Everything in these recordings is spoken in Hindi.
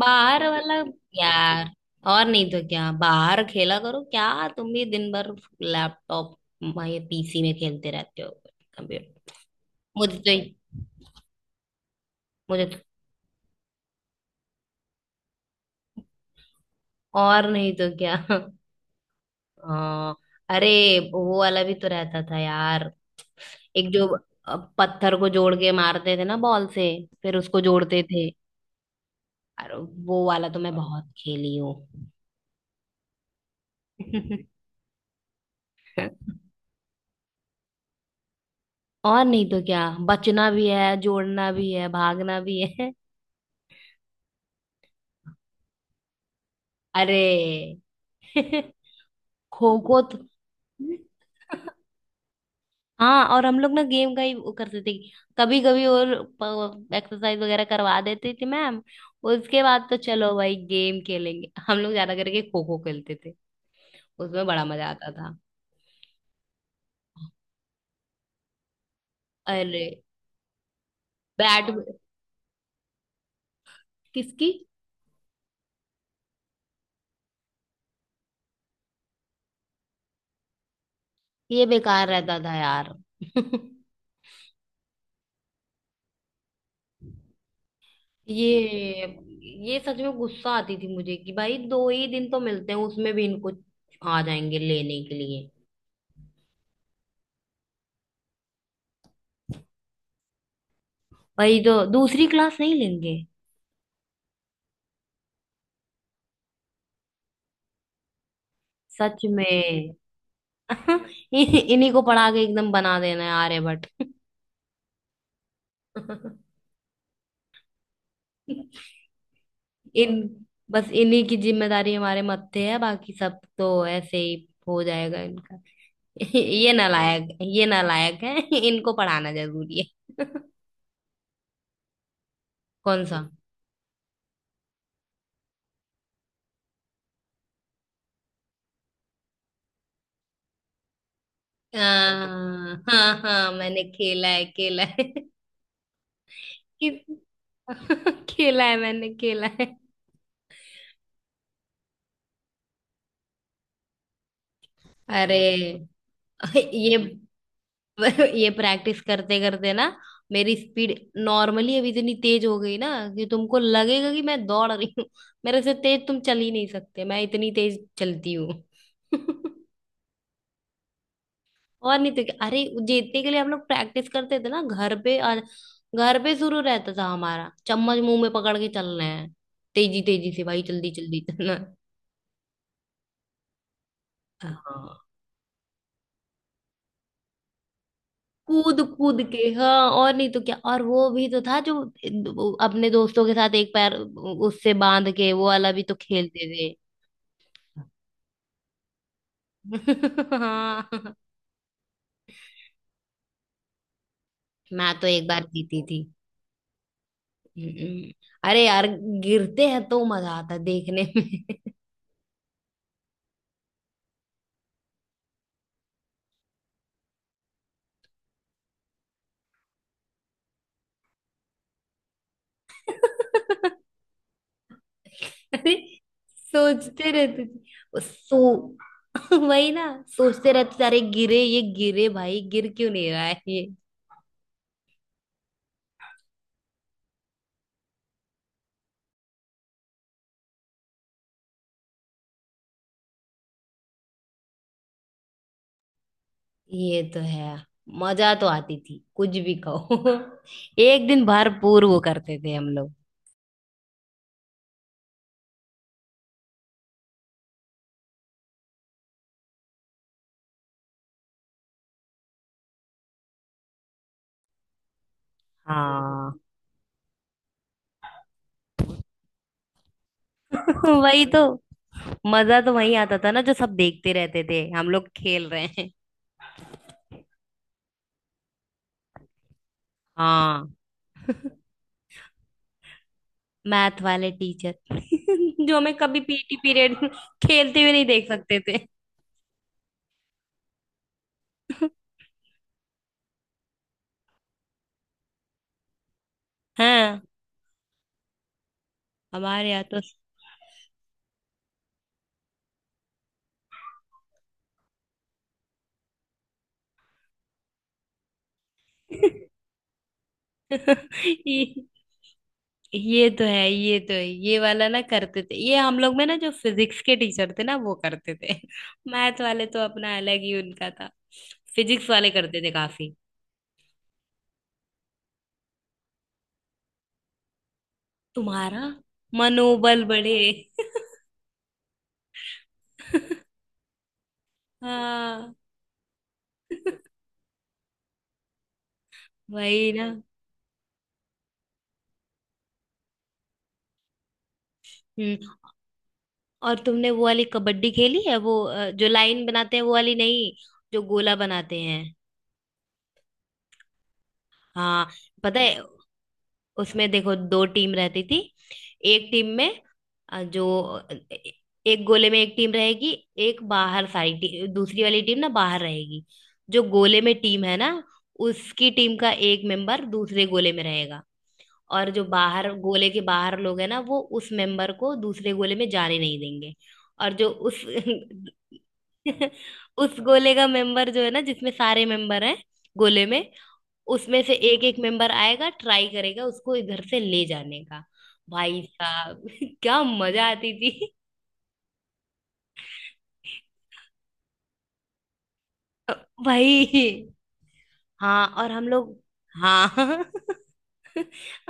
बाहर वाला यार। और नहीं तो क्या, बाहर खेला करो क्या तुम भी दिन भर? लैपटॉप, ये पीसी में खेलते रहते हो, कंप्यूटर। मुझे तो मुझे तो, और नहीं तो क्या। आ, अरे वो वाला भी तो रहता था यार, एक जो पत्थर को जोड़ के मारते थे ना बॉल से, फिर उसको जोड़ते थे। अरे वो वाला तो मैं बहुत खेली हूँ। और नहीं तो क्या। बचना भी है, जोड़ना भी है, भागना भी है। अरे खो खो तो। हाँ, और हम लोग ना गेम का ही वो करते थे, कभी कभी। और एक्सरसाइज वगैरह करवा देती थी मैम, उसके बाद तो चलो भाई गेम खेलेंगे। हम लोग ज्यादा करके खो खो खेलते थे, उसमें बड़ा मजा आता था। अरे बैट। किसकी? ये बेकार रहता था यार। ये ये सच में गुस्सा आती थी मुझे कि भाई दो ही दिन तो मिलते हैं, उसमें भी इनको आ जाएंगे लेने के लिए। भाई तो दूसरी क्लास नहीं लेंगे? सच में। इन्हीं को पढ़ा के एकदम बना देना है आर्यभट्ट। इन, बस इन्हीं की जिम्मेदारी हमारे मत्थे है, बाकी सब तो ऐसे ही हो जाएगा इनका। ये नालायक, ये नालायक है, इनको पढ़ाना जरूरी है। कौन सा? हाँ हाँ, मैंने खेला है, खेला है। किस- खेला है, मैंने खेला है। अरे ये ये प्रैक्टिस करते करते ना मेरी स्पीड नॉर्मली अब इतनी तेज हो गई ना कि तुमको लगेगा कि मैं दौड़ रही हूँ। मेरे से तेज तुम चल ही नहीं सकते, मैं इतनी तेज चलती हूँ। और नहीं तो क्या। अरे जीतने के लिए हम लोग प्रैक्टिस करते थे ना घर पे, और घर पे शुरू रहता था हमारा, चम्मच मुंह में पकड़ के चलना है, तेजी तेजी से भाई जल्दी जल्दी चलना है। हाँ, कूद कूद के। हाँ, और नहीं तो क्या। और वो भी तो था जो, वो अपने दोस्तों के साथ एक पैर उससे बांध के, वो वाला भी तो खेलते थे। हाँ, मैं तो एक बार जीती थी। हम्म। अरे यार, गिरते हैं तो मजा आता है देखने में। अरे सोचते रहते थे, वही ना, सोचते रहते थे, अरे गिरे, ये गिरे, भाई गिर क्यों नहीं रहा है ये। ये तो है। मजा तो आती थी कुछ भी कहो। एक दिन भरपूर वो करते थे हम लोग। हाँ। वही तो। मजा तो वही आता था ना, जो सब देखते रहते थे हम लोग खेल रहे हैं। हाँ। मैथ वाले टीचर जो हमें कभी पीटी पीरियड खेलते हुए नहीं देख सकते थे। हाँ, हमारे यहाँ तो। ये- ये तो है, ये तो है। ये वाला ना करते थे ये, हम लोग में ना जो फिजिक्स के टीचर थे ना वो करते थे। मैथ वाले तो अपना अलग ही उनका था, फिजिक्स वाले करते थे काफी। तुम्हारा मनोबल बढ़े। हाँ, वही ना। हम्म। और तुमने वो वाली कबड्डी खेली है, वो जो लाइन बनाते हैं वो वाली नहीं, जो गोला बनाते हैं। हाँ, पता है। उसमें देखो दो टीम रहती थी, एक टीम में, जो एक गोले में एक टीम रहेगी, एक बाहर, दूसरी वाली टीम ना बाहर रहेगी। जो गोले में टीम है ना, उसकी टीम का एक मेंबर दूसरे गोले में रहेगा। और जो बाहर, गोले के बाहर लोग हैं ना, वो उस मेंबर को दूसरे गोले में जाने नहीं देंगे। और जो उस उस गोले का मेंबर जो है ना, जिसमें सारे मेंबर हैं गोले में, उसमें से एक एक मेंबर आएगा, ट्राई करेगा उसको इधर से ले जाने का। भाई साहब क्या मजा आती थी। भाई। हाँ, और हम लोग, हाँ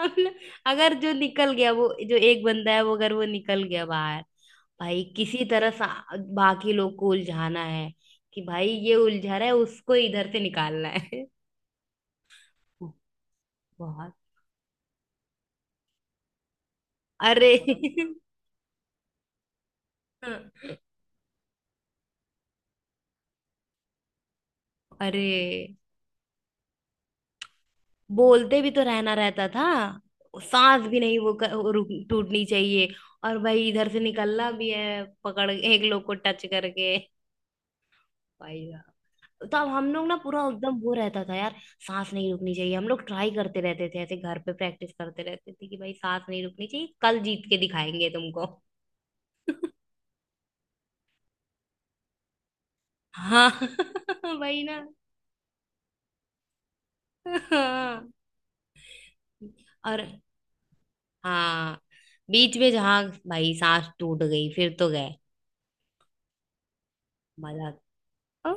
हम लोग, अगर जो निकल गया वो, जो एक बंदा है, वो अगर वो निकल गया बाहर, भाई किसी तरह सा बाकी लोग को उलझाना है, कि भाई ये उलझा रहा है, उसको इधर से निकालना है। बहुत। अरे अरे बोलते भी तो रहना रहता था, सांस भी नहीं, वो क- रुक टूटनी चाहिए। और भाई इधर से निकलना भी है, पकड़ एक लोग को टच करके। भाई साहब, तो अब हम लोग ना पूरा एकदम वो रहता था यार। सांस नहीं रुकनी चाहिए, हम लोग ट्राई करते रहते थे, ऐसे घर पे प्रैक्टिस करते रहते थे कि भाई सांस नहीं रुकनी चाहिए, कल जीत के दिखाएंगे तुमको। हाँ। भाई ना। हाँ। और हाँ, बीच में जहाँ भाई सांस टूट गई, फिर तो गए। मजा। हाँ।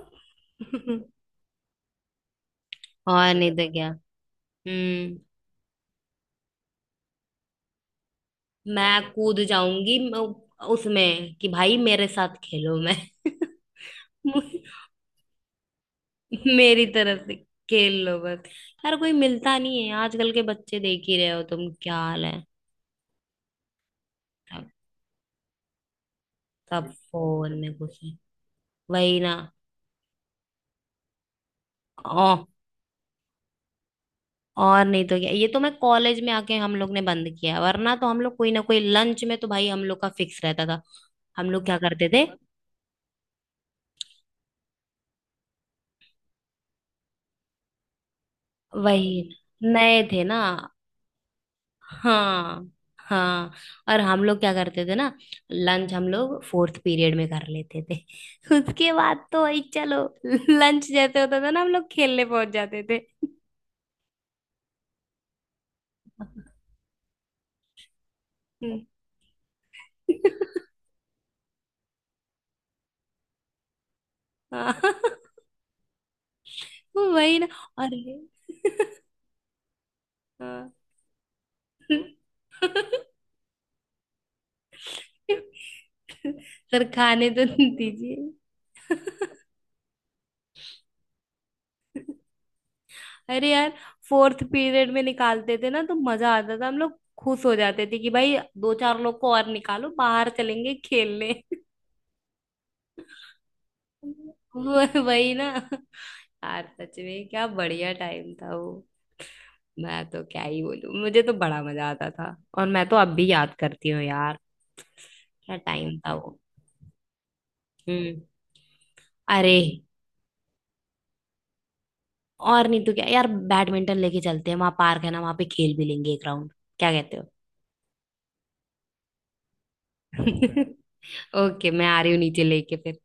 और नहीं तो क्या। हम्म। मैं कूद जाऊंगी, उसमें कि भाई मेरे साथ खेलो मैं। मेरी तरफ से, खेल लो बस। यार कोई मिलता नहीं है, आजकल के बच्चे देख ही रहे हो तुम क्या हाल है। सब। सब फोन में घुसे। वही ना। ओ, और नहीं तो क्या, ये तो मैं कॉलेज में आके हम लोग ने बंद किया, वरना तो हम लोग कोई ना कोई लंच में तो भाई हम लोग का फिक्स रहता था। हम लोग क्या करते थे? वही, नए थे ना। हाँ। हाँ, और हम लोग क्या करते थे ना, लंच हम लोग फोर्थ पीरियड में कर लेते थे। उसके बाद तो वही चलो, लंच जैसे होता था ना हम लोग खेलने पहुंच जाते थे। हम्म। हाँ, वही ना। अरे हाँ। सर खाने तो दीजिए। अरे यार, फोर्थ पीरियड में निकालते थे ना तो मजा आता था, हम लोग खुश हो जाते थे कि भाई दो चार लोग को और निकालो, बाहर चलेंगे खेलने। वो- वही ना। यार सच में क्या बढ़िया टाइम था वो। मैं तो क्या ही बोलूं, मुझे तो बड़ा मजा आता था और मैं तो अब भी याद करती हूँ यार, क्या टाइम था वो। हम्म। अरे, और नहीं तो क्या यार, बैडमिंटन लेके चलते हैं, वहां पार्क है ना, वहां पे खेल भी लेंगे एक राउंड, क्या कहते हो। ओके, मैं आ रही हूँ नीचे, लेके फिर।